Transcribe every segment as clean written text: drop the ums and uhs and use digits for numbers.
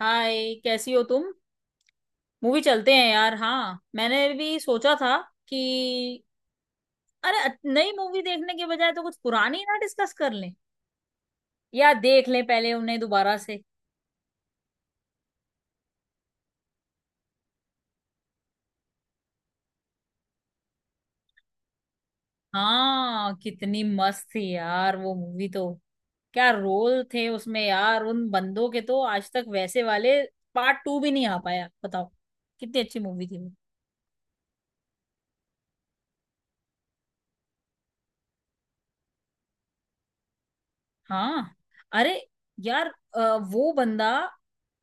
हाय, कैसी हो तुम। मूवी चलते हैं यार। हाँ, मैंने भी सोचा था कि अरे, नई मूवी देखने के बजाय तो कुछ पुरानी ना डिस्कस कर लें, या देख लें पहले उन्हें दोबारा से। हाँ, कितनी मस्त थी यार वो मूवी तो। क्या रोल थे उसमें यार उन बंदों के, तो आज तक वैसे वाले पार्ट टू भी नहीं आ पाया, बताओ। कितनी अच्छी मूवी थी वो। हाँ, अरे यार, अ, वो बंदा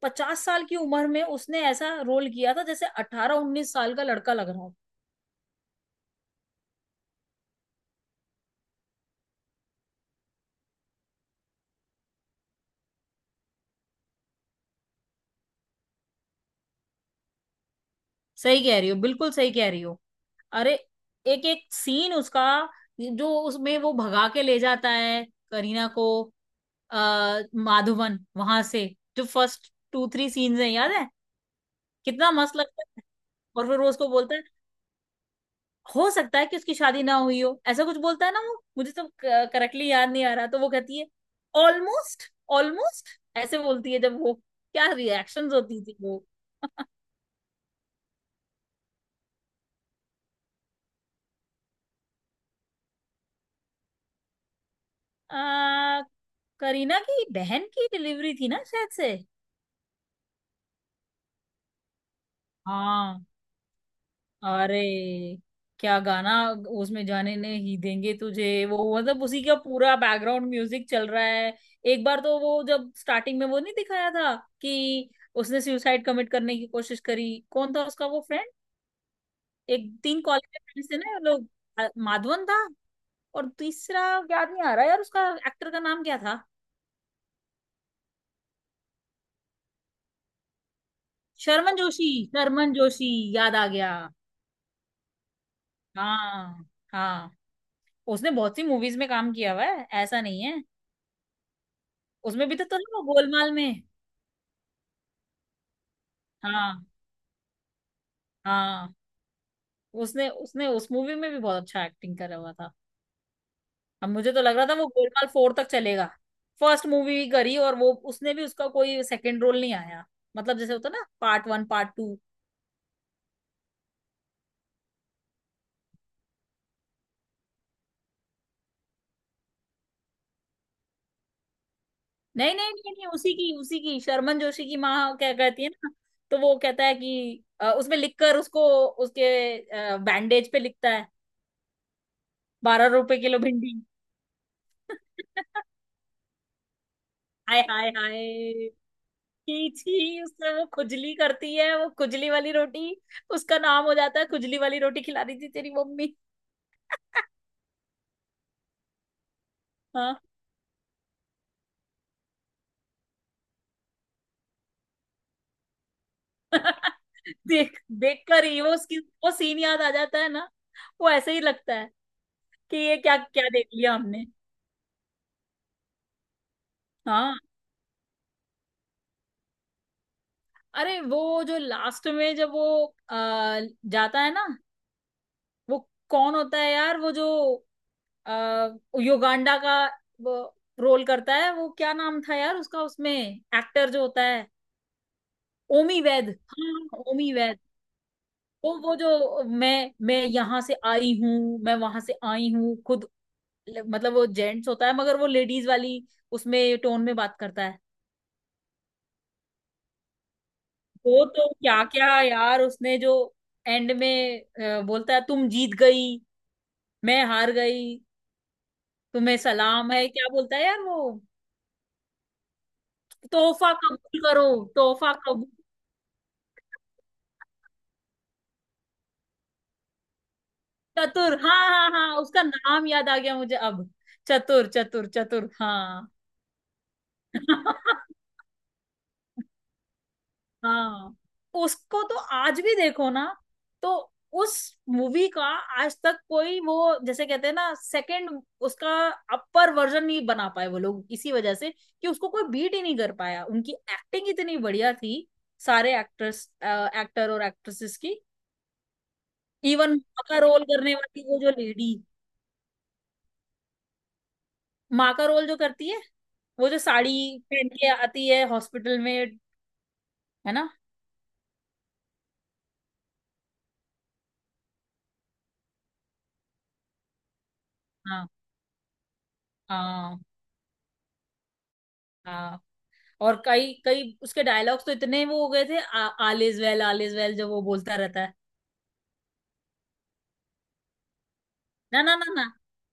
50 साल की उम्र में उसने ऐसा रोल किया था जैसे 18 19 साल का लड़का लग रहा हो। सही कह रही हो, बिल्कुल सही कह रही हो। अरे, एक एक सीन उसका, जो उसमें वो भगा के ले जाता है करीना को, माधवन वहां से, जो फर्स्ट टू थ्री सीन्स हैं, याद है। कितना मस्त लगता है। और फिर वो उसको बोलता है, हो सकता है कि उसकी शादी ना हुई हो, ऐसा कुछ बोलता है ना वो। मुझे तो करेक्टली याद नहीं आ रहा। तो वो कहती है, ऑलमोस्ट, ऑलमोस्ट, ऐसे बोलती है जब वो। क्या रिएक्शंस होती थी वो। आ, करीना की बहन की डिलीवरी थी ना शायद से। हाँ, अरे क्या गाना उसमें, जाने ने ही देंगे तुझे वो, मतलब उसी का पूरा बैकग्राउंड म्यूजिक चल रहा है। एक बार तो वो, जब स्टार्टिंग में वो नहीं दिखाया था कि उसने सुसाइड कमिट करने की कोशिश करी, कौन था उसका वो फ्रेंड। एक तीन कॉलेज के फ्रेंड्स थे ना ये लोग। माधवन था। और तीसरा याद नहीं आ रहा यार, उसका एक्टर का नाम क्या था। शर्मन जोशी, शर्मन जोशी, याद आ गया। हाँ, हाँ, उसने बहुत सी मूवीज में काम किया हुआ है, ऐसा नहीं है। उसमें भी तो ना वो गोलमाल में। हाँ, हाँ, उसने उसने उस मूवी में भी बहुत अच्छा एक्टिंग करा हुआ था। अब मुझे तो लग रहा था वो गोलमाल फोर तक चलेगा। फर्स्ट मूवी करी और वो उसने भी उसका कोई सेकंड रोल नहीं आया। मतलब जैसे होता ना, पार्ट वन, पार्ट टू। नहीं, नहीं, नहीं, नहीं, उसी की शर्मन जोशी की माँ, क्या कहती है ना। तो वो कहता है कि उसमें लिखकर उसको, उसके बैंडेज पे लिखता है, 12 रुपए किलो भिंडी। हाय, हाय, हाय, छी छी, उससे वो खुजली करती है, वो खुजली वाली रोटी। उसका नाम हो जाता है खुजली वाली रोटी। खिला रही थी तेरी मम्मी। हाँ। देख देख कर ही वो उसकी, वो सीन याद आ जाता है ना। वो ऐसे ही लगता है कि ये क्या क्या देख लिया हमने। हाँ। अरे, वो जो लास्ट में जब वो आ, जाता है ना, वो कौन होता है यार, वो जो आ, युगांडा का वो रोल करता है, वो क्या नाम था यार उसका, उसमें एक्टर जो होता है। ओमी वैद, हाँ ओमी वैद। वो जो मैं यहाँ से आई हूँ, मैं वहां से आई हूँ खुद। मतलब वो जेंट्स होता है मगर वो लेडीज वाली उसमें टोन में बात करता है। वो तो क्या क्या यार उसने, जो एंड में बोलता है, तुम जीत गई, मैं हार गई, तुम्हें सलाम है, क्या बोलता है यार वो। तोहफा कबूल करो, तोहफा कबूल। चतुर, हाँ, हाँ, हाँ, उसका नाम याद आ गया मुझे अब। चतुर, चतुर, चतुर, हाँ। हाँ, उसको तो आज भी देखो ना, तो उस मूवी का आज तक कोई वो, जैसे कहते हैं ना सेकंड उसका अपर वर्जन नहीं बना पाए वो लोग, इसी वजह से कि उसको कोई बीट ही नहीं कर पाया, उनकी एक्टिंग इतनी बढ़िया थी। सारे एक्टर्स, एक्टर और एक्ट्रेसेस की। इवन माँ का रोल करने वाली वो जो लेडी, माँ का रोल जो करती है, वो जो साड़ी पहन के आती है हॉस्पिटल में, है ना। हाँ, हाँ, हाँ, और कई कई उसके डायलॉग्स तो इतने वो हो गए थे, आल is well, all is well, जो वो बोलता रहता है। ना, ना, ना, ना,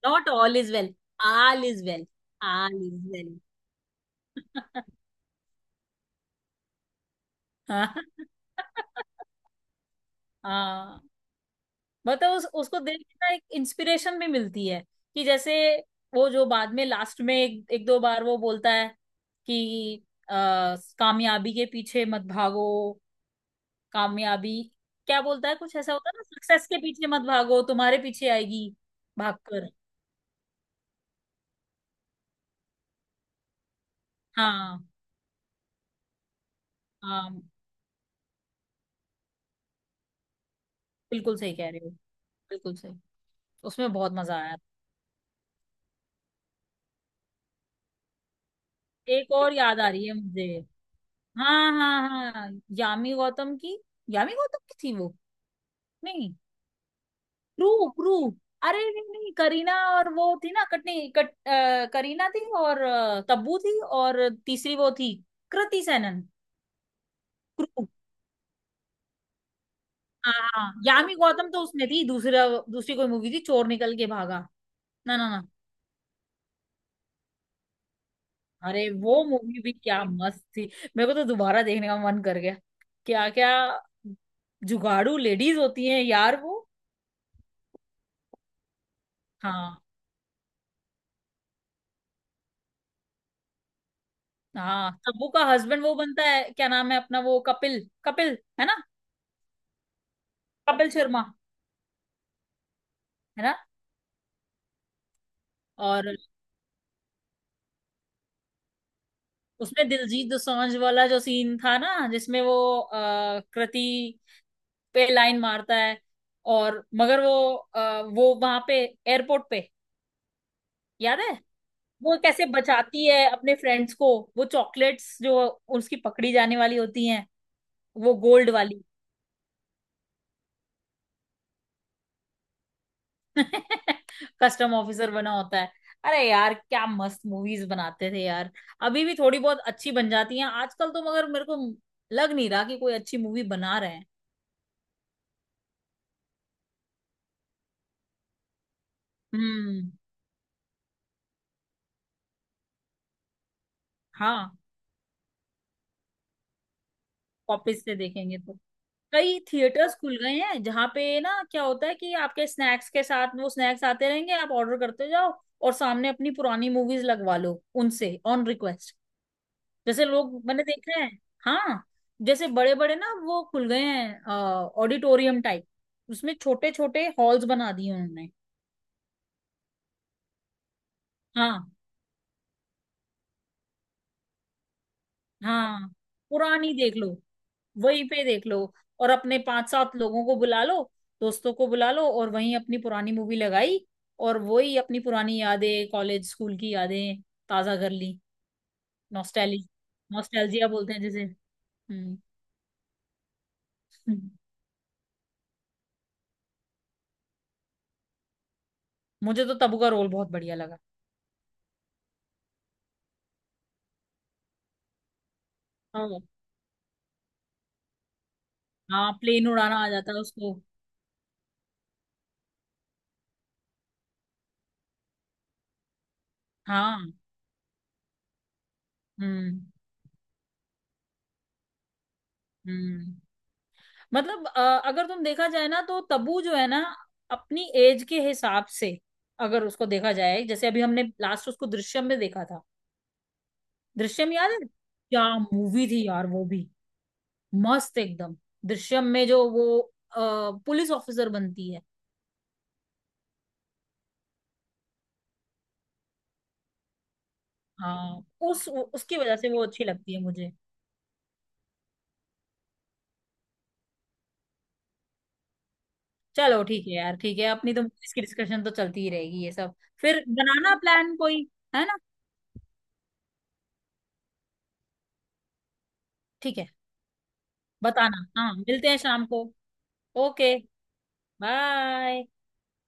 not all is well, all is well. All is well. हाँ, हाँ, मतलब उसको देख के ना एक इंस्पिरेशन भी मिलती है, कि जैसे वो जो बाद में लास्ट में एक दो बार वो बोलता है कि अ, कामयाबी के पीछे मत भागो, कामयाबी, क्या बोलता है कुछ ऐसा होता है ना, सक्सेस के पीछे मत भागो, तुम्हारे पीछे आएगी भागकर। हाँ, हाँ, बिल्कुल सही कह रहे हो, बिल्कुल सही। उसमें बहुत मजा आया। एक और याद आ रही है मुझे। हाँ, हाँ, हाँ, यामी गौतम की, यामी गौतम की थी वो। नहीं, प्रू, प्रू, अरे नहीं, नहीं, करीना, और वो थी ना कटनी कट, करीना थी, और तब्बू थी, और तीसरी वो थी। कृति सेनन। क्रू। हाँ, हाँ, यामी गौतम तो उसमें थी दूसरा, दूसरी कोई मूवी थी, चोर निकल के भागा। ना, ना, ना, अरे वो मूवी भी क्या मस्त थी। मेरे को तो दोबारा देखने का मन कर गया। क्या क्या जुगाड़ू लेडीज होती हैं यार वो। हाँ, हाँ, तब्बू का हस्बैंड वो बनता है, क्या नाम है अपना वो, कपिल, कपिल है ना। कपिल शर्मा, है ना। और उसमें दिलजीत दोसांझ वाला जो सीन था ना, जिसमें वो कृति पे लाइन मारता है, और मगर वो वो वहां पे एयरपोर्ट पे, याद है वो कैसे बचाती है अपने फ्रेंड्स को, वो चॉकलेट्स जो उसकी पकड़ी जाने वाली होती हैं, वो गोल्ड वाली। कस्टम ऑफिसर बना होता है। अरे यार क्या मस्त मूवीज बनाते थे यार। अभी भी थोड़ी बहुत अच्छी बन जाती हैं आजकल तो, मगर मेरे को लग नहीं रहा कि कोई अच्छी मूवी बना रहे हैं। हम्म। हाँ, कॉपीज से देखेंगे तो। कई थिएटर्स खुल गए हैं जहाँ पे ना क्या होता है, कि आपके स्नैक्स के साथ वो स्नैक्स आते रहेंगे, आप ऑर्डर करते जाओ, और सामने अपनी पुरानी मूवीज लगवा लो उनसे ऑन रिक्वेस्ट, जैसे लोग, मैंने देखा है। हाँ, जैसे बड़े बड़े ना वो खुल गए हैं, ऑडिटोरियम टाइप, उसमें छोटे छोटे हॉल्स बना दिए उन्होंने। हाँ, हाँ, पुरानी देख लो, वहीं पे देख लो, और अपने पांच सात लोगों को बुला लो, दोस्तों को बुला लो और वहीं अपनी पुरानी मूवी लगाई, और वही अपनी पुरानी यादें, कॉलेज स्कूल की यादें ताजा कर ली। नॉस्टैली नॉस्टैल्जिया बोलते हैं जिसे। हम्म, हम्म। मुझे तो तब्बू का रोल बहुत बढ़िया लगा। हाँ। हाँ, प्लेन उड़ाना आ जाता है उसको। हाँ। हम्म, हम्म। मतलब अगर तुम देखा जाए ना, तो तब्बू जो है ना, अपनी एज के हिसाब से अगर उसको देखा जाए, जैसे अभी हमने लास्ट उसको दृश्यम में देखा था। दृश्यम याद है क्या। मूवी थी यार वो भी, मस्त एकदम। दृश्यम में जो वो अ, पुलिस ऑफिसर बनती है। हाँ। उस उसकी वजह से वो अच्छी लगती है मुझे। चलो ठीक है यार, ठीक है, अपनी तो इसकी डिस्कशन तो चलती ही रहेगी ये सब। फिर बनाना प्लान कोई, है ना। ठीक है, बताना हाँ, मिलते हैं शाम को। Okay, bye.